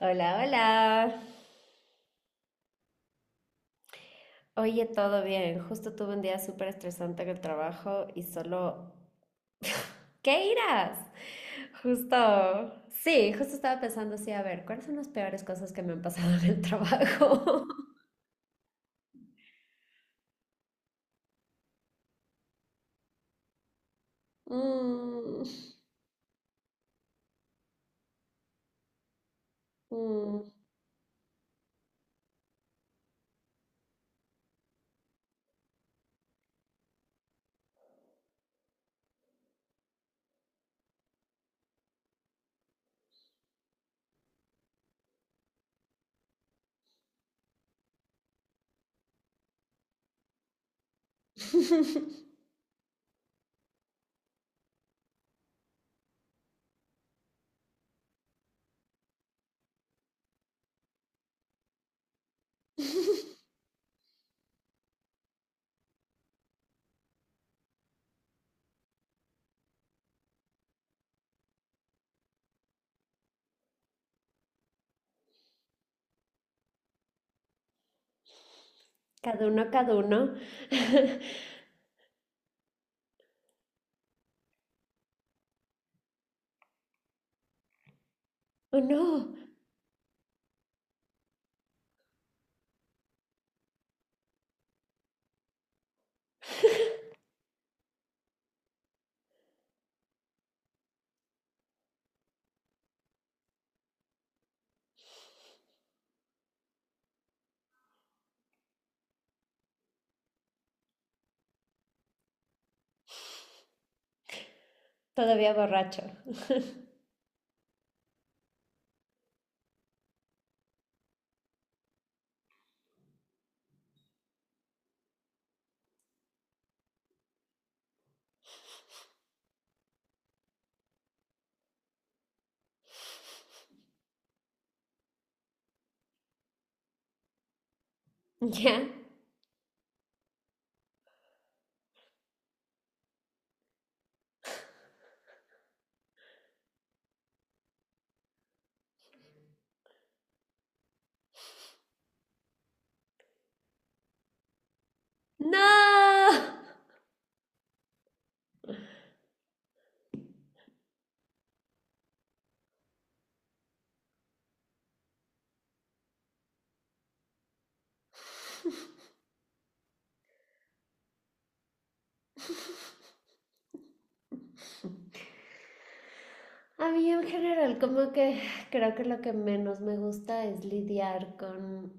Hola, hola. Oye, todo bien. Justo tuve un día súper estresante en el trabajo y solo... ¿Qué irás? Justo... Sí, justo estaba pensando así, a ver, ¿cuáles son las peores cosas que me han pasado en el trabajo? Mm, mm. Cada uno, cada uno. Oh, no, todavía borracho. ¿Ya? ¡No! A mí en general, como que creo que lo que menos me gusta es lidiar con,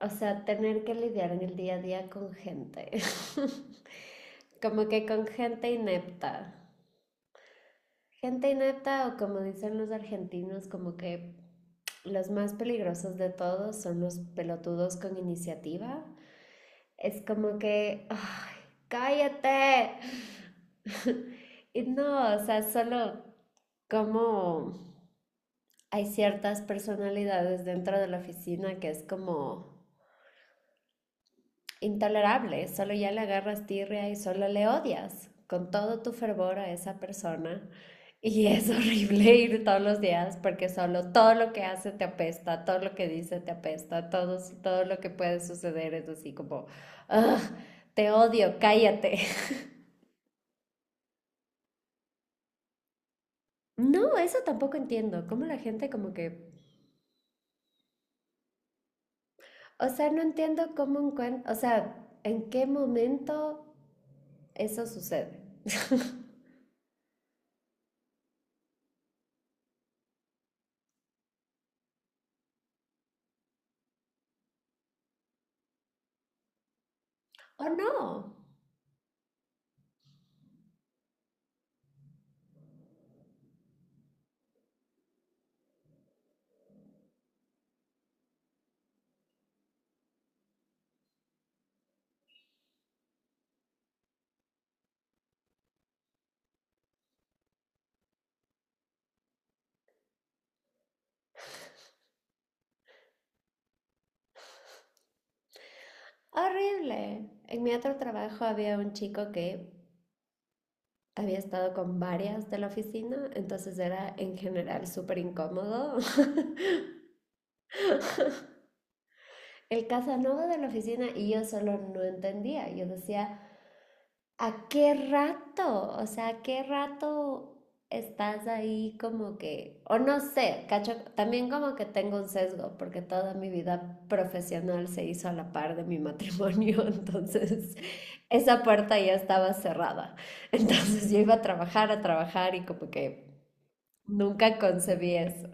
o sea, tener que lidiar en el día a día con gente. Como que con gente inepta. Gente inepta, o como dicen los argentinos, como que los más peligrosos de todos son los pelotudos con iniciativa. Es como que, ¡ay, cállate! Y no, o sea, solo como hay ciertas personalidades dentro de la oficina que es como intolerable, solo ya le agarras tirria y solo le odias con todo tu fervor a esa persona. Y es horrible ir todos los días porque solo todo lo que hace te apesta, todo lo que dice te apesta, todo, todo lo que puede suceder es así como, "Ugh, te odio, cállate". No, eso tampoco entiendo, cómo la gente como que, o sea, no entiendo cómo encuentro, o sea, en qué momento eso sucede. ¿O no? Horrible. En mi otro trabajo había un chico que había estado con varias de la oficina, entonces era en general súper incómodo. El Casanova de la oficina, y yo solo no entendía. Yo decía, ¿a qué rato? O sea, ¿a qué rato estás ahí como que, o no sé, cacho, también como que tengo un sesgo, porque toda mi vida profesional se hizo a la par de mi matrimonio, entonces esa puerta ya estaba cerrada? Entonces yo iba a trabajar, a trabajar, y como que nunca concebí eso.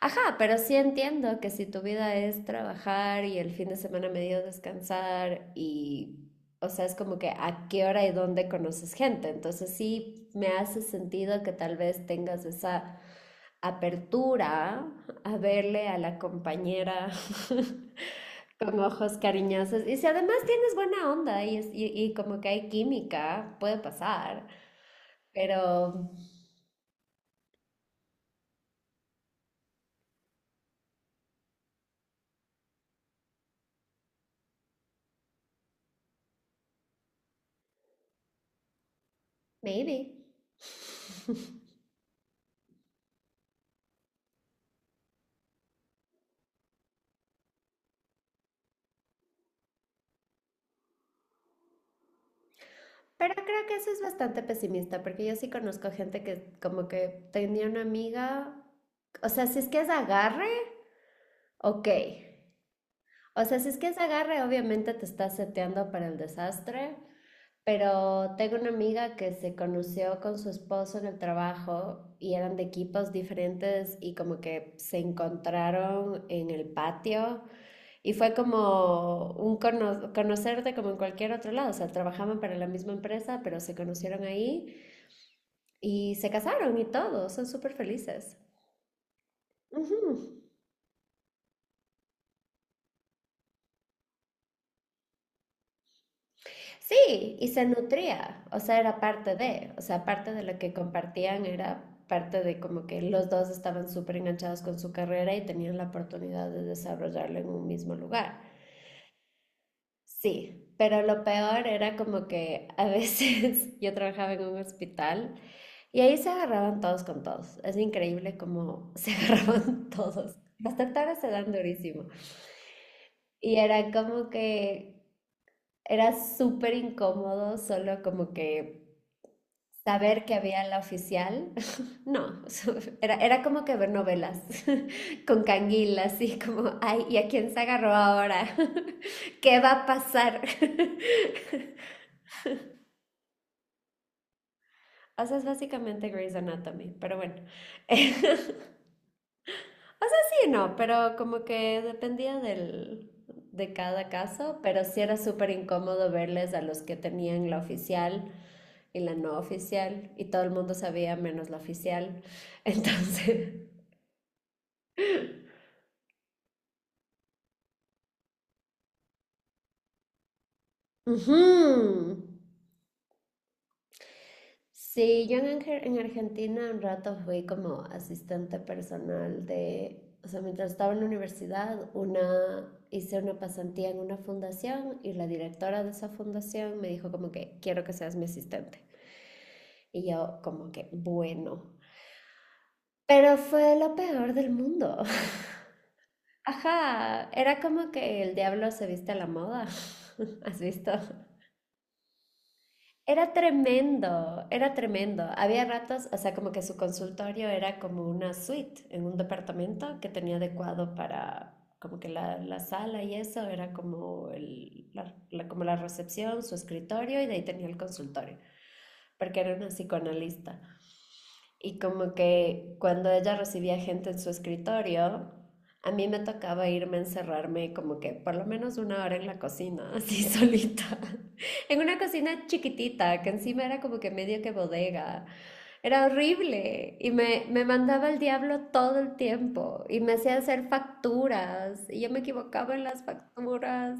Ajá, pero sí entiendo que si tu vida es trabajar y el fin de semana medio descansar y, o sea, es como que a qué hora y dónde conoces gente. Entonces sí me hace sentido que tal vez tengas esa apertura a verle a la compañera con ojos cariñosos. Y si además tienes buena onda y, y como que hay química, puede pasar, pero maybe. Pero creo que eso es bastante pesimista, porque yo sí conozco gente que como que tenía una amiga, o sea, si es que es agarre, ok. O sea, si es que es agarre, obviamente te estás seteando para el desastre, pero tengo una amiga que se conoció con su esposo en el trabajo y eran de equipos diferentes y como que se encontraron en el patio y fue como un conocerte como en cualquier otro lado, o sea, trabajaban para la misma empresa, pero se conocieron ahí. Y se casaron y todo, son súper felices. Ujú. Sí, y se nutría, o sea, era parte de, o sea, parte de lo que compartían era parte de como que los dos estaban súper enganchados con su carrera y tenían la oportunidad de desarrollarlo en un mismo lugar. Sí, pero lo peor era como que a veces yo trabajaba en un hospital y ahí se agarraban todos con todos. Es increíble cómo se agarraban todos. Las doctoras se dan durísimo. Y era como que era súper incómodo solo como que saber que había la oficial. No, era, era como que ver novelas con canguila, así como, ay, ¿y a quién se agarró ahora? ¿Qué va a pasar? O sea, es básicamente Grey's Anatomy, pero bueno. Sí, no, pero como que dependía del, de cada caso, pero sí era súper incómodo verles a los que tenían la oficial y la no oficial, y todo el mundo sabía menos la oficial. Entonces, ujú. Sí, yo en, en Argentina un rato fui como asistente personal de, o sea, mientras estaba en la universidad, una, hice una pasantía en una fundación y la directora de esa fundación me dijo como que quiero que seas mi asistente. Y yo como que, bueno, pero fue lo peor del mundo. Ajá, era como que el diablo se viste a la moda. ¿Has visto? Era tremendo, era tremendo. Había ratos, o sea, como que su consultorio era como una suite en un departamento que tenía adecuado para, como que la sala y eso, era como, como la recepción, su escritorio, y de ahí tenía el consultorio, porque era una psicoanalista. Y como que cuando ella recibía gente en su escritorio, a mí me tocaba irme a encerrarme como que por lo menos una hora en la cocina, así solita. En una cocina chiquitita, que encima era como que medio que bodega. Era horrible y me mandaba al diablo todo el tiempo y me hacía hacer facturas y yo me equivocaba en las facturas,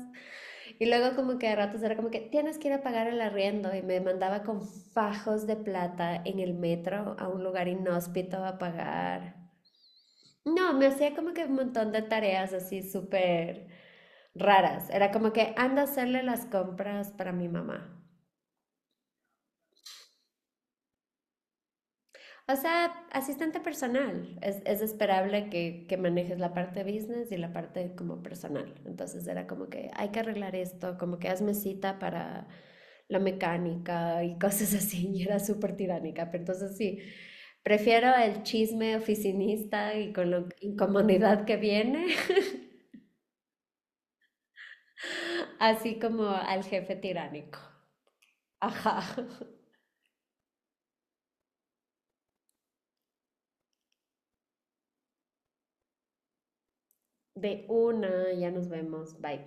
y luego como que a ratos era como que tienes que ir a pagar el arriendo y me mandaba con fajos de plata en el metro a un lugar inhóspito a pagar. No, me hacía como que un montón de tareas así súper raras. Era como que anda a hacerle las compras para mi mamá. O sea, asistente personal. Es esperable que manejes la parte business y la parte como personal. Entonces era como que hay que arreglar esto, como que hazme cita para la mecánica y cosas así. Y era súper tiránica. Pero entonces sí, prefiero el chisme oficinista y con la incomodidad que viene, así como al jefe tiránico. Ajá. De una, ya nos vemos. Bye.